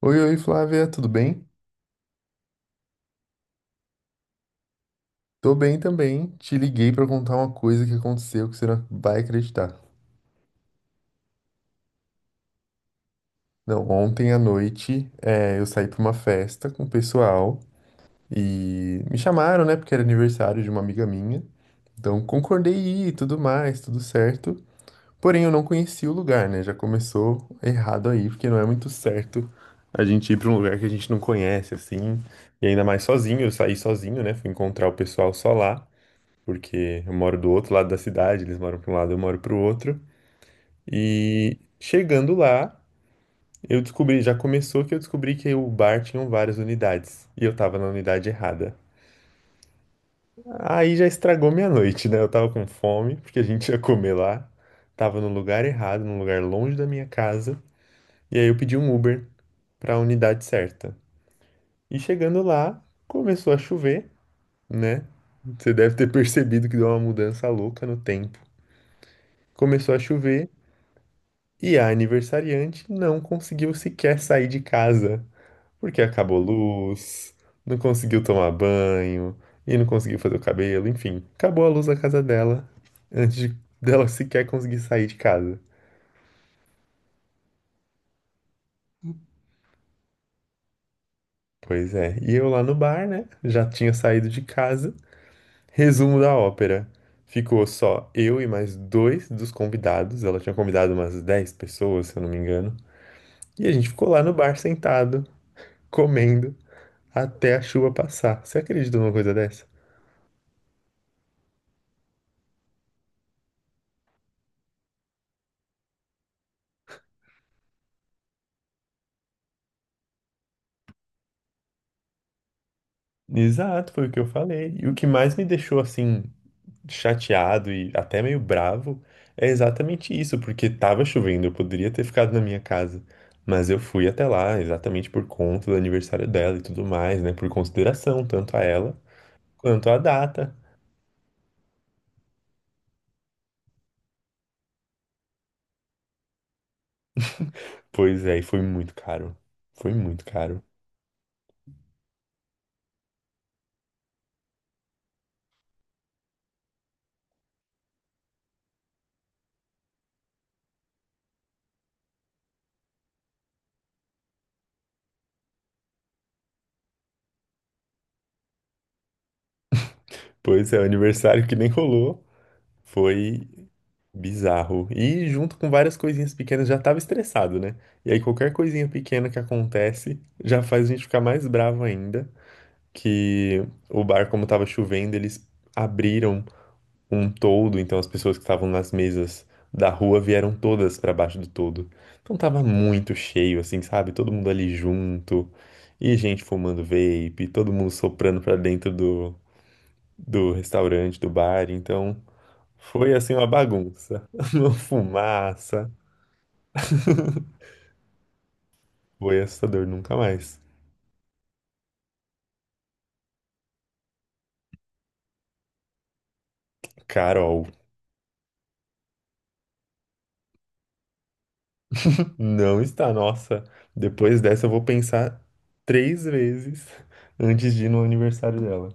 Oi, oi, Flávia, tudo bem? Tô bem também. Te liguei pra contar uma coisa que aconteceu que você não vai acreditar. Não, ontem à noite, eu saí pra uma festa com o pessoal e me chamaram, né, porque era aniversário de uma amiga minha. Então concordei em ir e tudo mais, tudo certo. Porém, eu não conhecia o lugar, né? Já começou errado aí, porque não é muito certo a gente ir pra um lugar que a gente não conhece, assim. E ainda mais sozinho, eu saí sozinho, né? Fui encontrar o pessoal só lá. Porque eu moro do outro lado da cidade, eles moram para um lado, eu moro para o outro. E chegando lá, eu descobri, já começou que eu descobri que o bar tinha várias unidades e eu tava na unidade errada. Aí já estragou minha noite, né? Eu tava com fome, porque a gente ia comer lá. Tava no lugar errado, num lugar longe da minha casa. E aí eu pedi um Uber para a unidade certa. E chegando lá, começou a chover, né? Você deve ter percebido que deu uma mudança louca no tempo. Começou a chover e a aniversariante não conseguiu sequer sair de casa, porque acabou luz, não conseguiu tomar banho e não conseguiu fazer o cabelo, enfim, acabou a luz da casa dela dela sequer conseguir sair de casa. Pois é, e eu lá no bar, né? Já tinha saído de casa. Resumo da ópera. Ficou só eu e mais dois dos convidados. Ela tinha convidado umas 10 pessoas, se eu não me engano. E a gente ficou lá no bar sentado, comendo, até a chuva passar. Você acredita numa coisa dessa? Exato, foi o que eu falei. E o que mais me deixou assim chateado e até meio bravo é exatamente isso, porque tava chovendo, eu poderia ter ficado na minha casa, mas eu fui até lá exatamente por conta do aniversário dela e tudo mais, né? Por consideração tanto a ela quanto à data. Pois é, e foi muito caro. Foi muito caro. Pois é, o aniversário que nem rolou foi bizarro. E junto com várias coisinhas pequenas já tava estressado, né? E aí qualquer coisinha pequena que acontece já faz a gente ficar mais bravo ainda. Que o bar, como tava chovendo, eles abriram um toldo, então as pessoas que estavam nas mesas da rua vieram todas pra baixo do toldo. Então tava muito cheio, assim, sabe? Todo mundo ali junto. E gente fumando vape, todo mundo soprando pra dentro do restaurante, do bar. Então. Foi assim uma bagunça, uma fumaça. Foi assustador, nunca mais. Carol, não está. Nossa, depois dessa eu vou pensar três vezes antes de ir no aniversário dela.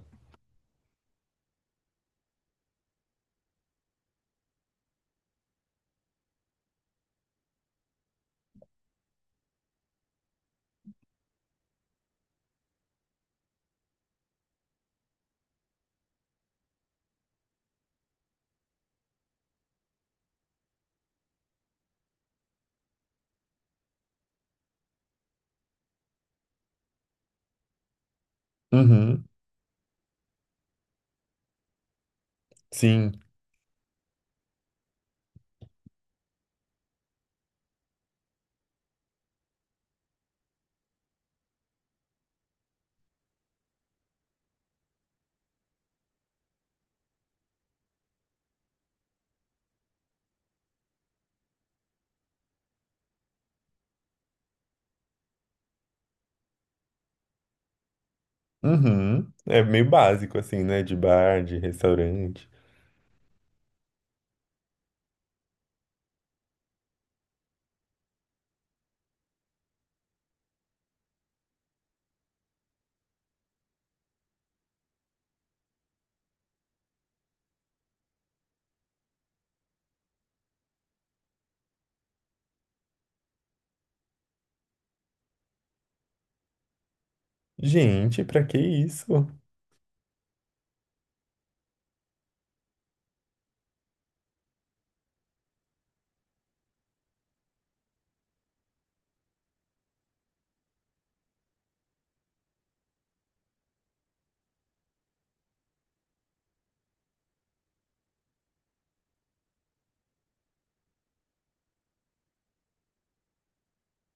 Uhum, sim. Uhum. É meio básico assim, né? De bar, de restaurante. Gente, pra que isso?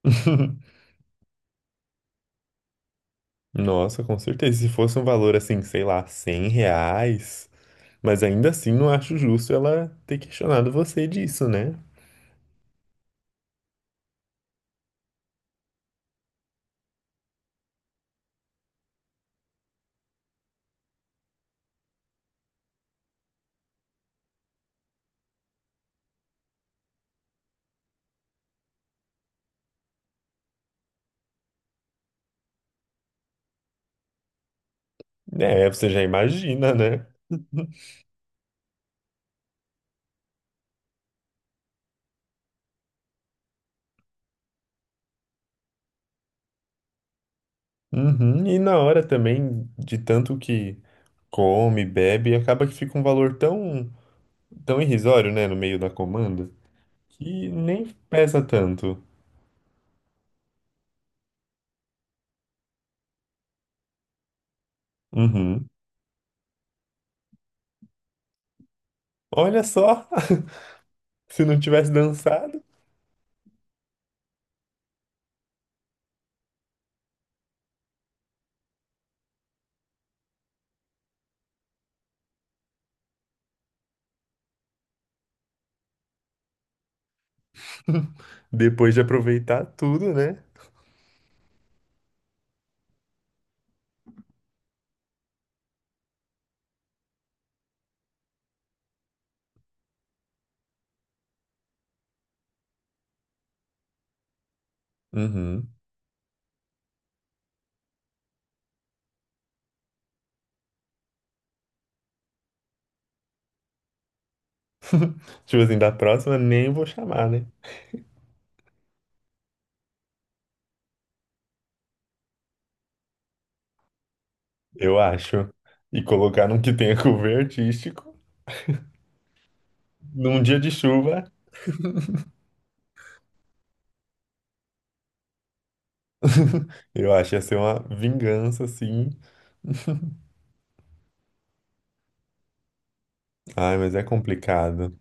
Nossa, com certeza. Se fosse um valor assim, sei lá, 100 reais. Mas ainda assim, não acho justo ela ter questionado você disso, né? É, você já imagina, né? Uhum, e na hora também, de tanto que come, bebe, acaba que fica um valor tão, tão irrisório, né, no meio da comanda, que nem pesa tanto. Uhum. Olha só, se não tivesse dançado, depois de aproveitar tudo, né? Uhum. Tipo assim, da próxima nem vou chamar, né? Eu acho. E colocar num que tenha cover artístico, num dia de chuva, eu acho que ia ser uma vingança, assim. Ai, mas é complicado.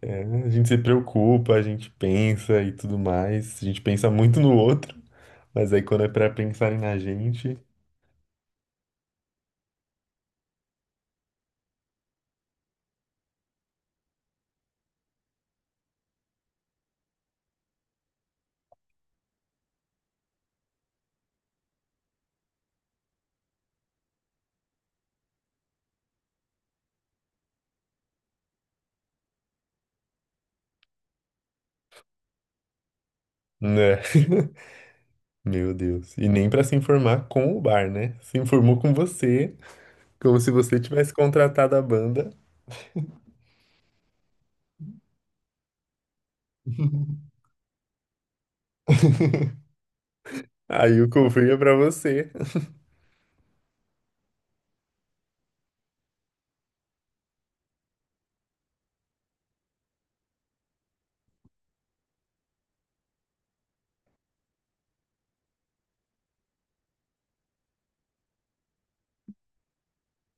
É, a gente se preocupa, a gente pensa e tudo mais. A gente pensa muito no outro, mas aí quando é pra pensarem na gente, né? Meu Deus. E nem pra se informar com o bar, né? Se informou com você, como se você tivesse contratado a banda. Aí o cover é pra você.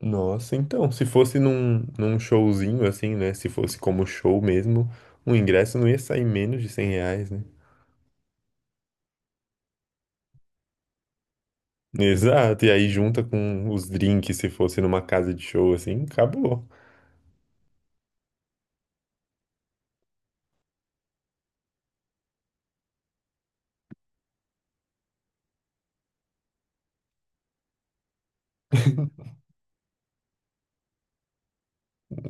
Nossa, então, se fosse num, num showzinho assim, né? Se fosse como show mesmo, o ingresso não ia sair menos de 100 reais, né? Exato, e aí junta com os drinks, se fosse numa casa de show assim, acabou.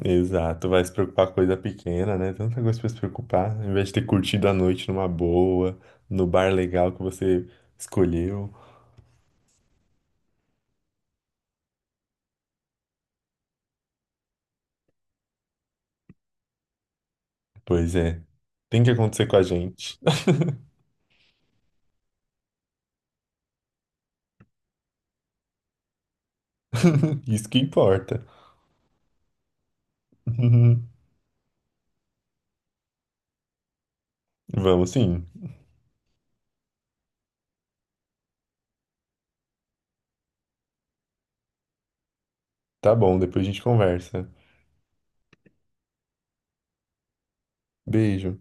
Exato, vai se preocupar com coisa pequena, né? Tanta coisa pra se preocupar, em vez de ter curtido a noite numa boa, no bar legal que você escolheu. Pois é, tem que acontecer com a gente. Isso que importa. Vamos sim. Tá bom, depois a gente conversa. Beijo.